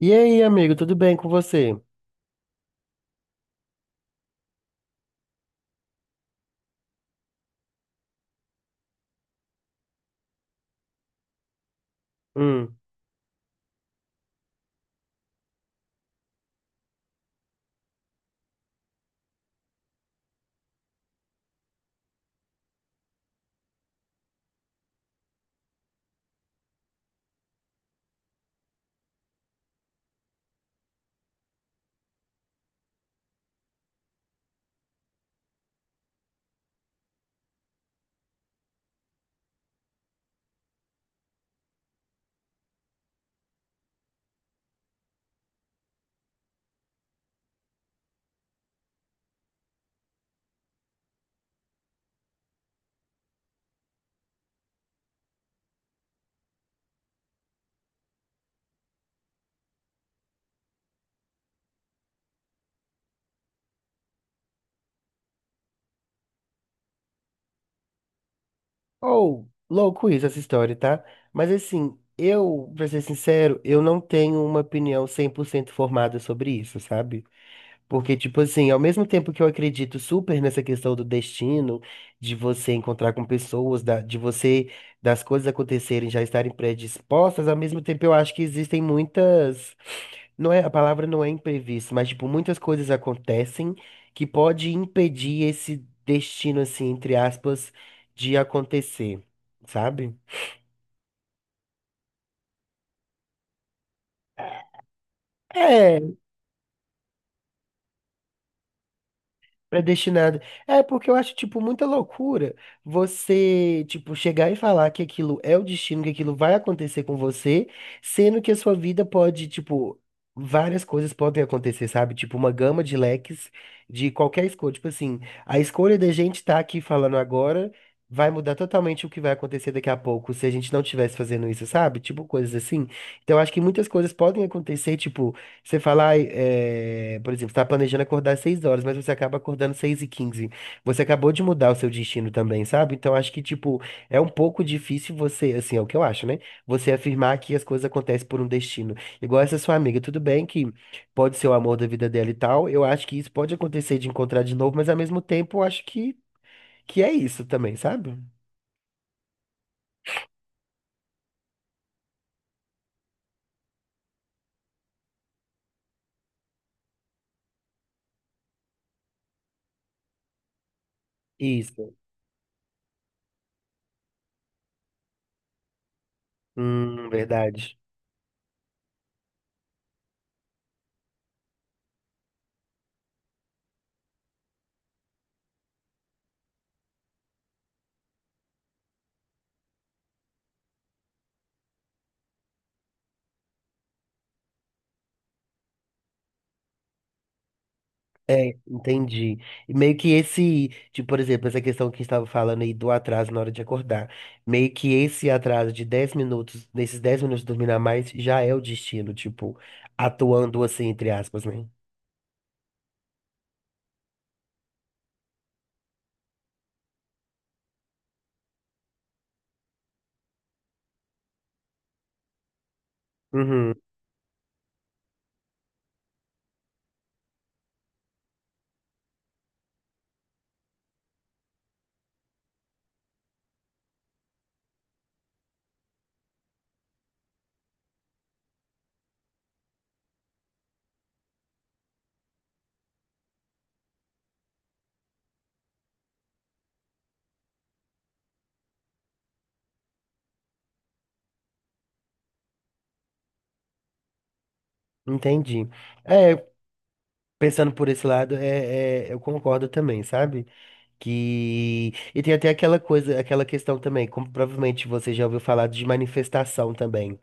E aí, amigo, tudo bem com você? Hum. Ou, louco isso, essa história, tá? Mas assim, eu, pra ser sincero, eu não tenho uma opinião 100% formada sobre isso, sabe? Porque, tipo assim, ao mesmo tempo que eu acredito super nessa questão do destino, de você encontrar com pessoas, de você, das coisas acontecerem, já estarem predispostas, ao mesmo tempo eu acho que existem muitas, não é, a palavra não é imprevisto, mas, tipo, muitas coisas acontecem que pode impedir esse destino, assim, entre aspas, de acontecer, sabe? É. Predestinado. É, porque eu acho, tipo, muita loucura você, tipo, chegar e falar que aquilo é o destino, que aquilo vai acontecer com você, sendo que a sua vida pode, tipo, várias coisas podem acontecer, sabe? Tipo, uma gama de leques de qualquer escolha. Tipo assim, a escolha da gente tá aqui falando agora vai mudar totalmente o que vai acontecer daqui a pouco, se a gente não estivesse fazendo isso, sabe? Tipo, coisas assim. Então, eu acho que muitas coisas podem acontecer, tipo. Você fala, ai, é, por exemplo, você está planejando acordar às 6 horas, mas você acaba acordando às 6 e quinze. Você acabou de mudar o seu destino também, sabe? Então acho que, tipo, é um pouco difícil você, assim, é o que eu acho, né? Você afirmar que as coisas acontecem por um destino. Igual essa sua amiga, tudo bem que pode ser o amor da vida dela e tal. Eu acho que isso pode acontecer de encontrar de novo, mas ao mesmo tempo eu acho que é isso também, sabe? Isso. Verdade. É, entendi. E meio que esse, tipo, por exemplo, essa questão que estava falando aí do atraso na hora de acordar. Meio que esse atraso de 10 minutos, nesses 10 minutos de dormir a mais, já é o destino, tipo, atuando assim, entre aspas, né? Uhum, entendi. É, pensando por esse lado, eu concordo também, sabe? Que. E tem até aquela coisa, aquela questão também, como provavelmente você já ouviu falar de manifestação também.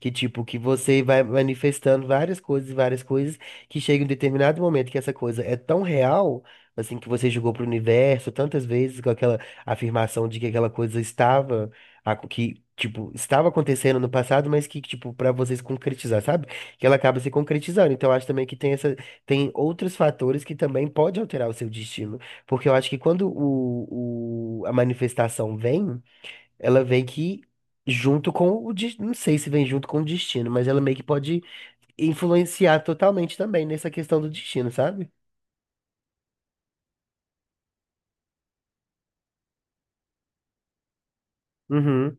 Que tipo, que você vai manifestando várias coisas, e várias coisas, que chega em um determinado momento que essa coisa é tão real, assim, que você jogou pro universo tantas vezes com aquela afirmação de que aquela coisa estava, que, tipo, estava acontecendo no passado, mas que, tipo, pra vocês concretizar, sabe? Que ela acaba se concretizando. Então, eu acho também que tem essa, tem outros fatores que também pode alterar o seu destino. Porque eu acho que quando a manifestação vem. Ela vem que junto com o, de não sei se vem junto com o destino, mas ela meio que pode influenciar totalmente também nessa questão do destino, sabe? Uhum.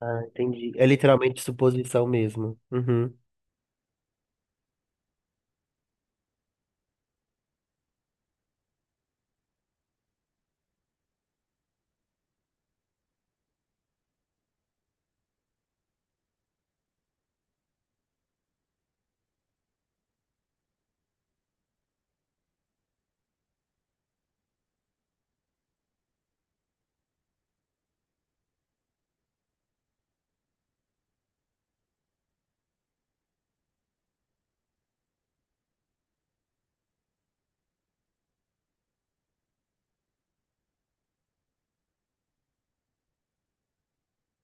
Ah, entendi. É literalmente suposição mesmo. Uhum.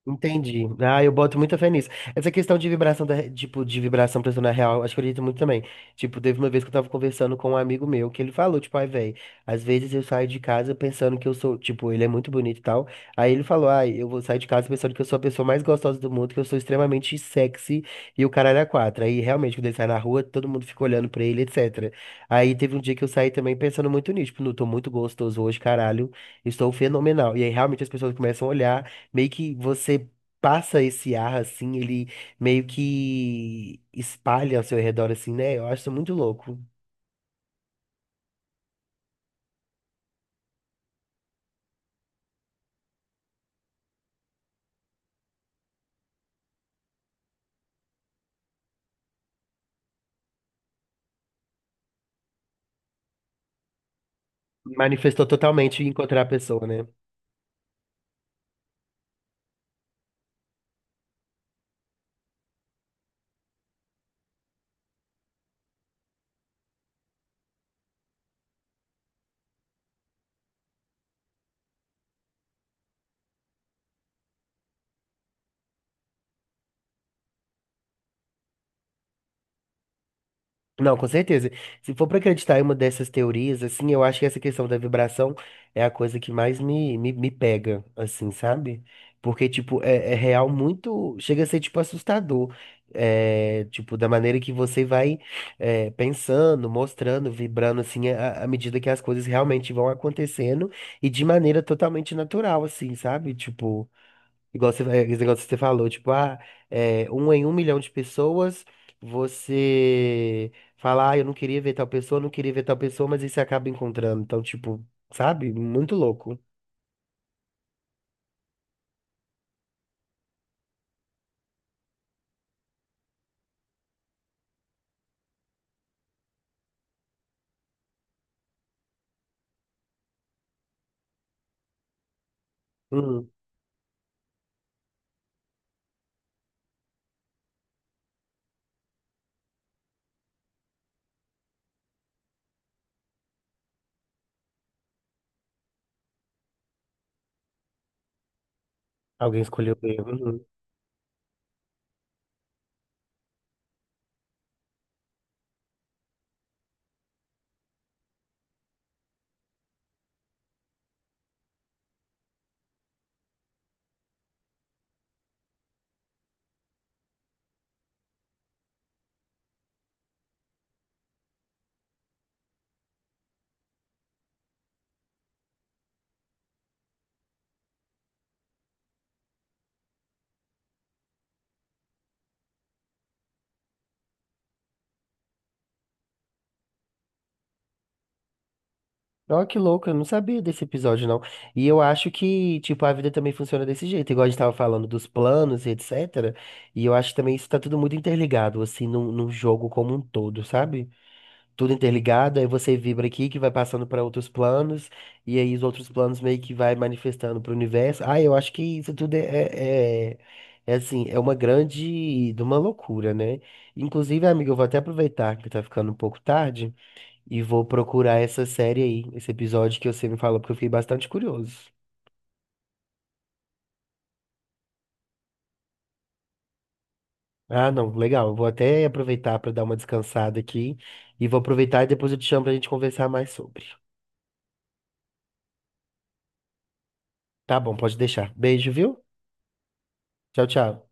Entendi. Ah, eu boto muita fé nisso. Essa questão de vibração, da, tipo, de vibração pra na real, acho que eu acredito muito também. Tipo, teve uma vez que eu tava conversando com um amigo meu, que ele falou, tipo, ai, velho, às vezes eu saio de casa pensando que eu sou, tipo, ele é muito bonito e tal. Aí ele falou, ai, eu vou sair de casa pensando que eu sou a pessoa mais gostosa do mundo, que eu sou extremamente sexy e o caralho é quatro. Aí, realmente, quando ele sai na rua, todo mundo fica olhando pra ele, etc. Aí teve um dia que eu saí também pensando muito nisso, tipo, não, tô muito gostoso hoje, caralho, estou fenomenal. E aí, realmente, as pessoas começam a olhar. Meio que você passa esse ar assim, ele meio que espalha ao seu redor assim, né? Eu acho isso muito louco. Manifestou totalmente encontrar a pessoa, né? Não, com certeza. Se for para acreditar em uma dessas teorias, assim, eu acho que essa questão da vibração é a coisa que mais me pega, assim, sabe? Porque, tipo, é real muito. Chega a ser, tipo, assustador. É, tipo, da maneira que você vai pensando, mostrando, vibrando, assim, à medida que as coisas realmente vão acontecendo e de maneira totalmente natural, assim, sabe? Tipo. Igual você, é, esse negócio que você falou, tipo, ah, é, um em um milhão de pessoas, você fala, ah, eu não queria ver tal pessoa, não queria ver tal pessoa, mas aí você acaba encontrando. Então, tipo, sabe? Muito louco. Hum, alguém escolheu bem. Uhum. Ó, que louco, eu não sabia desse episódio, não. E eu acho que, tipo, a vida também funciona desse jeito, igual a gente tava falando dos planos e etc. E eu acho que também isso tá tudo muito interligado, assim, num jogo como um todo, sabe? Tudo interligado, aí você vibra aqui que vai passando para outros planos, e aí os outros planos meio que vai manifestando para o universo. Ah, eu acho que isso tudo é assim, é uma grande, de uma loucura, né? Inclusive, amiga, eu vou até aproveitar que tá ficando um pouco tarde e vou procurar essa série aí, esse episódio que você me falou, porque eu fiquei bastante curioso. Ah, não, legal. Eu vou até aproveitar para dar uma descansada aqui e vou aproveitar e depois eu te chamo pra gente conversar mais sobre. Tá bom, pode deixar. Beijo, viu? Tchau, tchau.